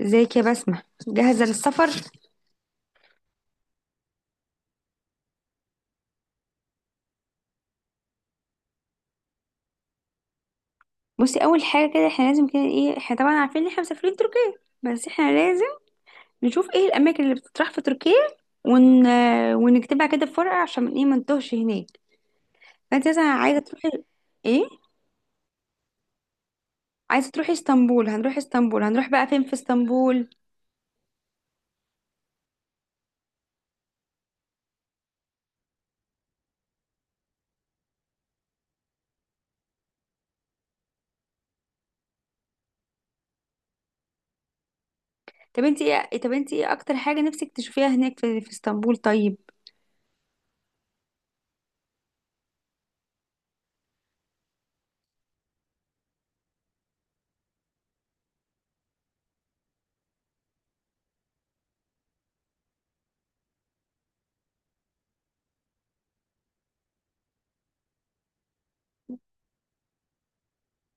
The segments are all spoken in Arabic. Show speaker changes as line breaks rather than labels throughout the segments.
ازيك يا بسمة، جاهزة للسفر؟ بصي أول حاجة كده احنا لازم كده ايه، احنا طبعا عارفين ان احنا مسافرين تركيا، بس احنا لازم نشوف ايه الأماكن اللي بتطرح في تركيا ون... ونكتبها كده في ورقة عشان ايه ما نتوهش هناك. فانت مثلا عايزة تروحي ايه؟ عايزة تروحي اسطنبول؟ هنروح اسطنبول، هنروح بقى فين في اسطنبول؟ طب انت ايه، طب انت ايه أكتر حاجة نفسك تشوفيها هناك في اسطنبول؟ طيب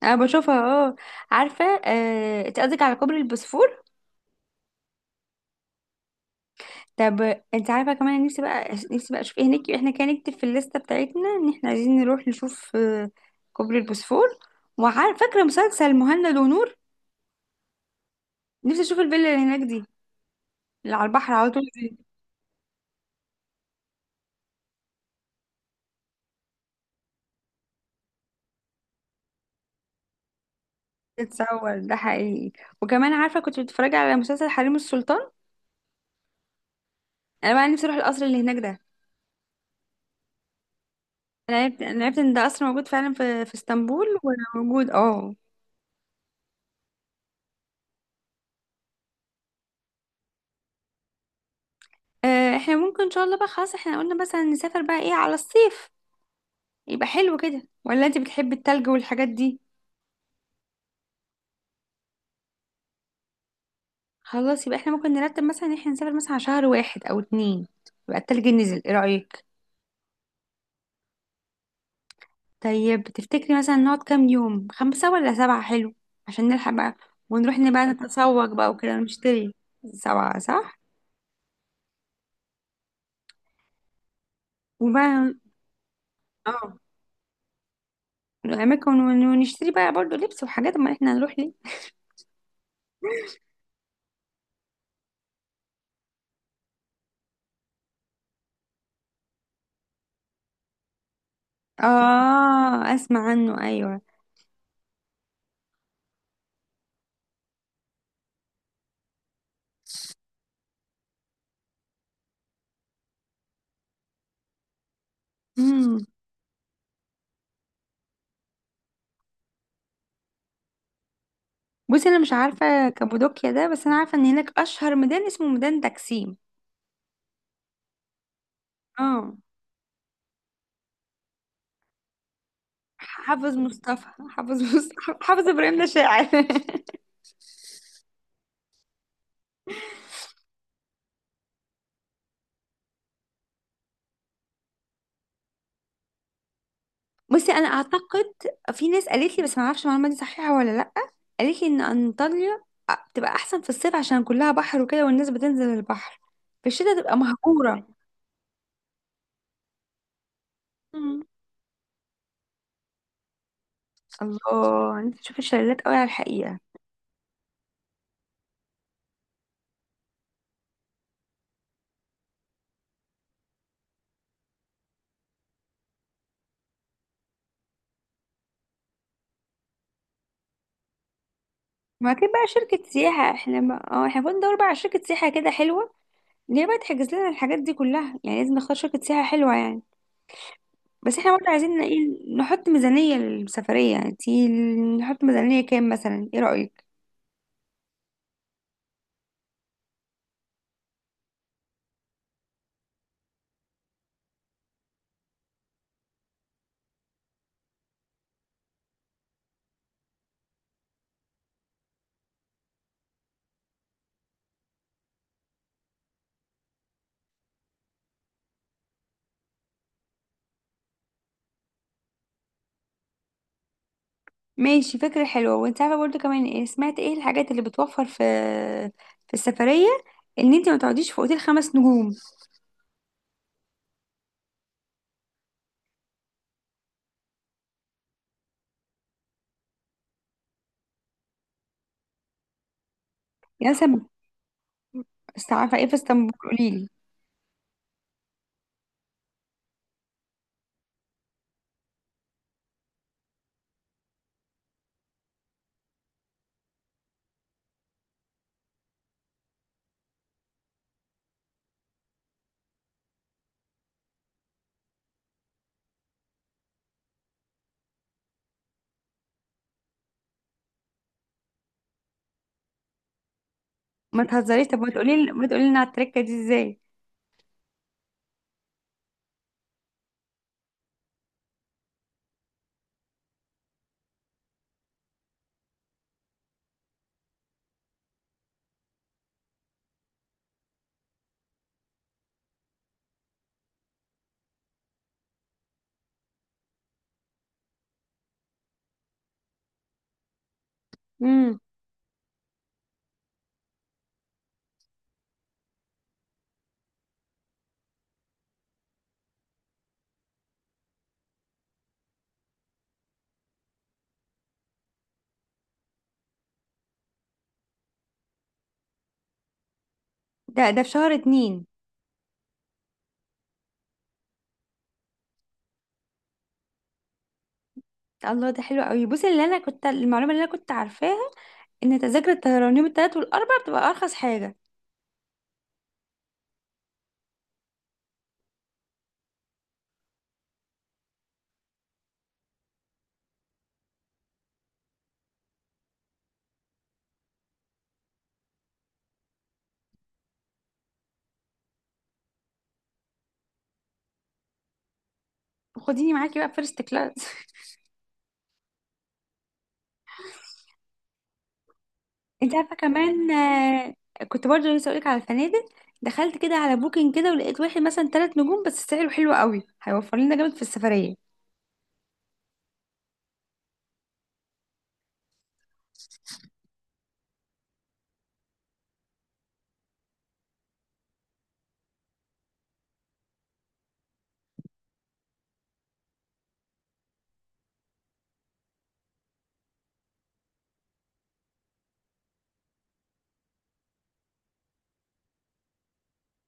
أنا بشوفها، اه عارفة. انت قصدك على كوبري البوسفور؟ طب انت عارفه كمان، أنا نفسي بقى اشوف ايه هناك. احنا كان نكتب في الليسته بتاعتنا ان احنا عايزين نروح نشوف كوبري البوسفور. وعارفه فاكره مسلسل مهند ونور؟ نفسي اشوف الفيلا اللي هناك دي، اللي على البحر على طول دي. تتصور ده حقيقي؟ وكمان عارفه كنت بتتفرج على مسلسل حريم السلطان، انا بقى نفسي اروح القصر اللي هناك ده. انا عرفت ان ده قصر موجود فعلا في اسطنبول، وموجود اه. احنا ممكن ان شاء الله بقى، خلاص احنا قلنا مثلا نسافر بقى ايه، على الصيف يبقى حلو كده ولا انت بتحبي التلج والحاجات دي؟ خلاص يبقى احنا ممكن نرتب مثلا ان احنا نسافر مثلا على شهر واحد او اتنين، يبقى التلج نزل، ايه رأيك؟ طيب تفتكري مثلا نقعد كام يوم، خمسة ولا سبعة؟ حلو، عشان نلحق بقى ونروح بقى نتسوق بقى وكده ونشتري. سبعة صح، وبقى اه اماكن ونشتري بقى برضو لبس وحاجات، ما احنا هنروح ليه. اه اسمع عنه ايوه. امم. بصي انا مش عارفة كابودوكيا ده، بس انا عارفة ان هناك اشهر ميدان اسمه ميدان تكسيم. اه، حافظ مصطفى، حافظ ابراهيم ده شاعر بصي انا اعتقد، في ناس قالت لي بس ما اعرفش المعلومه دي صحيحه ولا لا. قالت لي ان انطاليا بتبقى احسن في الصيف عشان كلها بحر وكده والناس بتنزل البحر، في الشتاء تبقى مهجوره. مم. الله، انت تشوف الشلالات قوي على الحقيقه. ما كده بقى شركه سياحه، احنا ما... اه احنا المفروض ندور بقى على شركه سياحه كده حلوه، اللي هي بقى تحجز لنا الحاجات دي كلها، يعني لازم نختار شركه سياحه حلوه يعني. بس احنا برضه عايزين ايه، نحط ميزانية للسفرية. انتي نحط ميزانية كام مثلا، ايه رأيك؟ ماشي فكرة حلوة. وانت عارفة برضه كمان ايه، سمعت ايه الحاجات اللي بتوفر في في السفرية، ان انت ما تقعديش في اوتيل 5 نجوم. يا سما، بس عارفة ايه في اسطنبول، قوليلي. ما تهزريش، طب ما تقولي لنا على التركة دي ازاي؟ امم. ده في شهر اتنين؟ الله ده حلو قوي. بصي اللي انا كنت، المعلومة اللي انا كنت عارفاها ان تذاكر الطيران يوم التلات والاربع بتبقى ارخص حاجة. خديني معاكي بقى فيرست كلاس. انت عارفه كمان، كنت برضه لسه اقولك على الفنادق، دخلت كده على بوكينج كده ولقيت واحد مثلا 3 نجوم بس سعره حلو قوي، هيوفر لنا جامد في السفريه.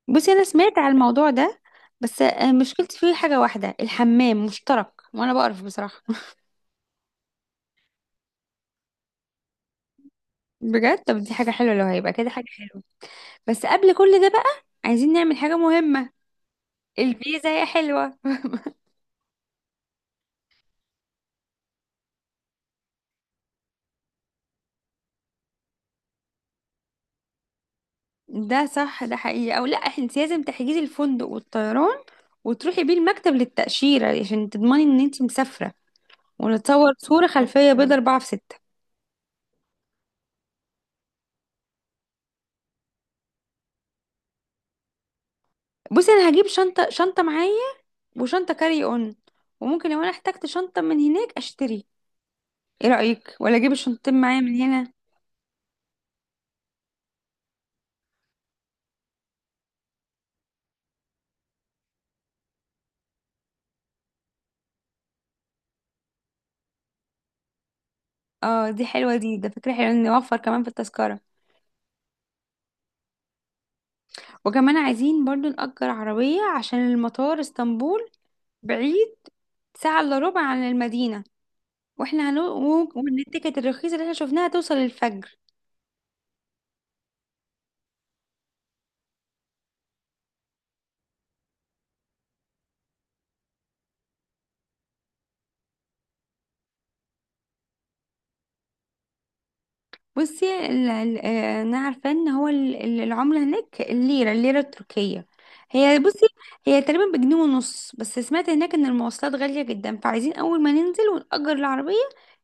بصي انا سمعت على الموضوع ده، بس مشكلتي فيه حاجه واحده، الحمام مشترك وانا بقرف بصراحه بجد، طب دي حاجه حلوه، لو هيبقى كده حاجه حلوه. بس قبل كل ده بقى، عايزين نعمل حاجه مهمه، الفيزا يا حلوه. ده صح، ده حقيقي او لا، انت لازم تحجزي الفندق والطيران وتروحي بيه المكتب للتاشيره عشان تضمني ان انت مسافره، ونتصور صورة خلفية بيضة 4×6. بصي أنا هجيب شنطة، شنطة معايا وشنطة كاري أون، وممكن لو أنا احتجت شنطة من هناك أشتري، إيه رأيك، ولا أجيب الشنطتين معايا من هنا؟ اه دي حلوة، دي ده فكرة حلوة إن نوفر كمان في التذكرة. وكمان عايزين برضو نأجر عربية عشان المطار اسطنبول بعيد، ساعة إلا ربع عن المدينة، واحنا هنو... والتيكت الرخيصة اللي احنا شفناها توصل الفجر. بصي انا عارفه ان هو العمله هناك الليره، الليره التركيه هي، بصي هي تقريبا بجنيه ونص، بس سمعت هناك ان المواصلات غاليه جدا، فعايزين اول ما ننزل ونأجر العربيه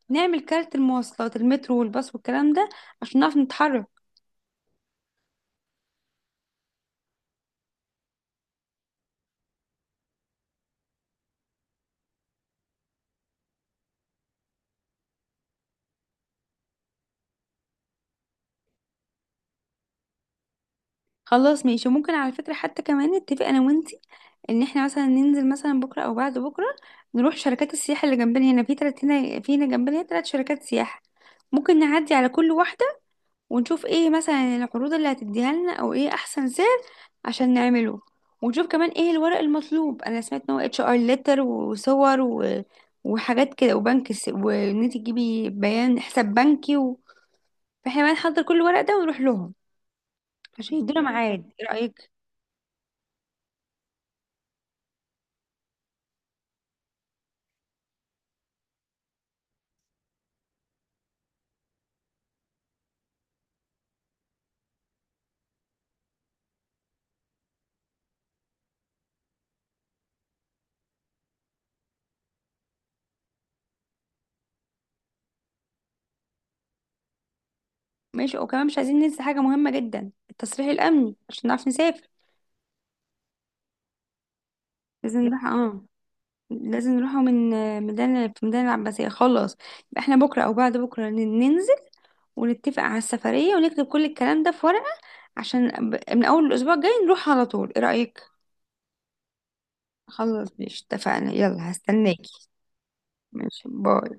نعمل كارت المواصلات، المترو والباص والكلام ده عشان نعرف نتحرك. خلاص ماشي. وممكن على فكره حتى كمان نتفق انا وانتي ان احنا مثلا ننزل مثلا بكره او بعد بكره نروح شركات السياحه اللي جنبنا. هنا في تلات، هنا جنبنا 3 شركات سياحه، ممكن نعدي على كل واحده ونشوف ايه مثلا العروض اللي هتديها لنا، او ايه احسن سعر عشان نعمله. ونشوف كمان ايه الورق المطلوب، انا سمعت ان هو اتش ار ليتر وصور وحاجات كده، وان انت تجيبي بيان حساب بنكي فاحنا بقى نحضر كل الورق ده ونروح لهم عشان يدونا ميعاد، ايه رأيك؟ ماشي، وكمان مش عايزين ننسى حاجة مهمة جدا، التصريح الامني عشان نعرف نسافر. لازم نروح اه، لازم نروحوا من ميدان العباسية. خلاص يبقى احنا بكرة او بعد بكرة ننزل ونتفق على السفرية ونكتب كل الكلام ده في ورقة، عشان من أول الأسبوع الجاي نروح على طول، إيه رأيك؟ خلاص مش اتفقنا، يلا هستناكي. ماشي، باي.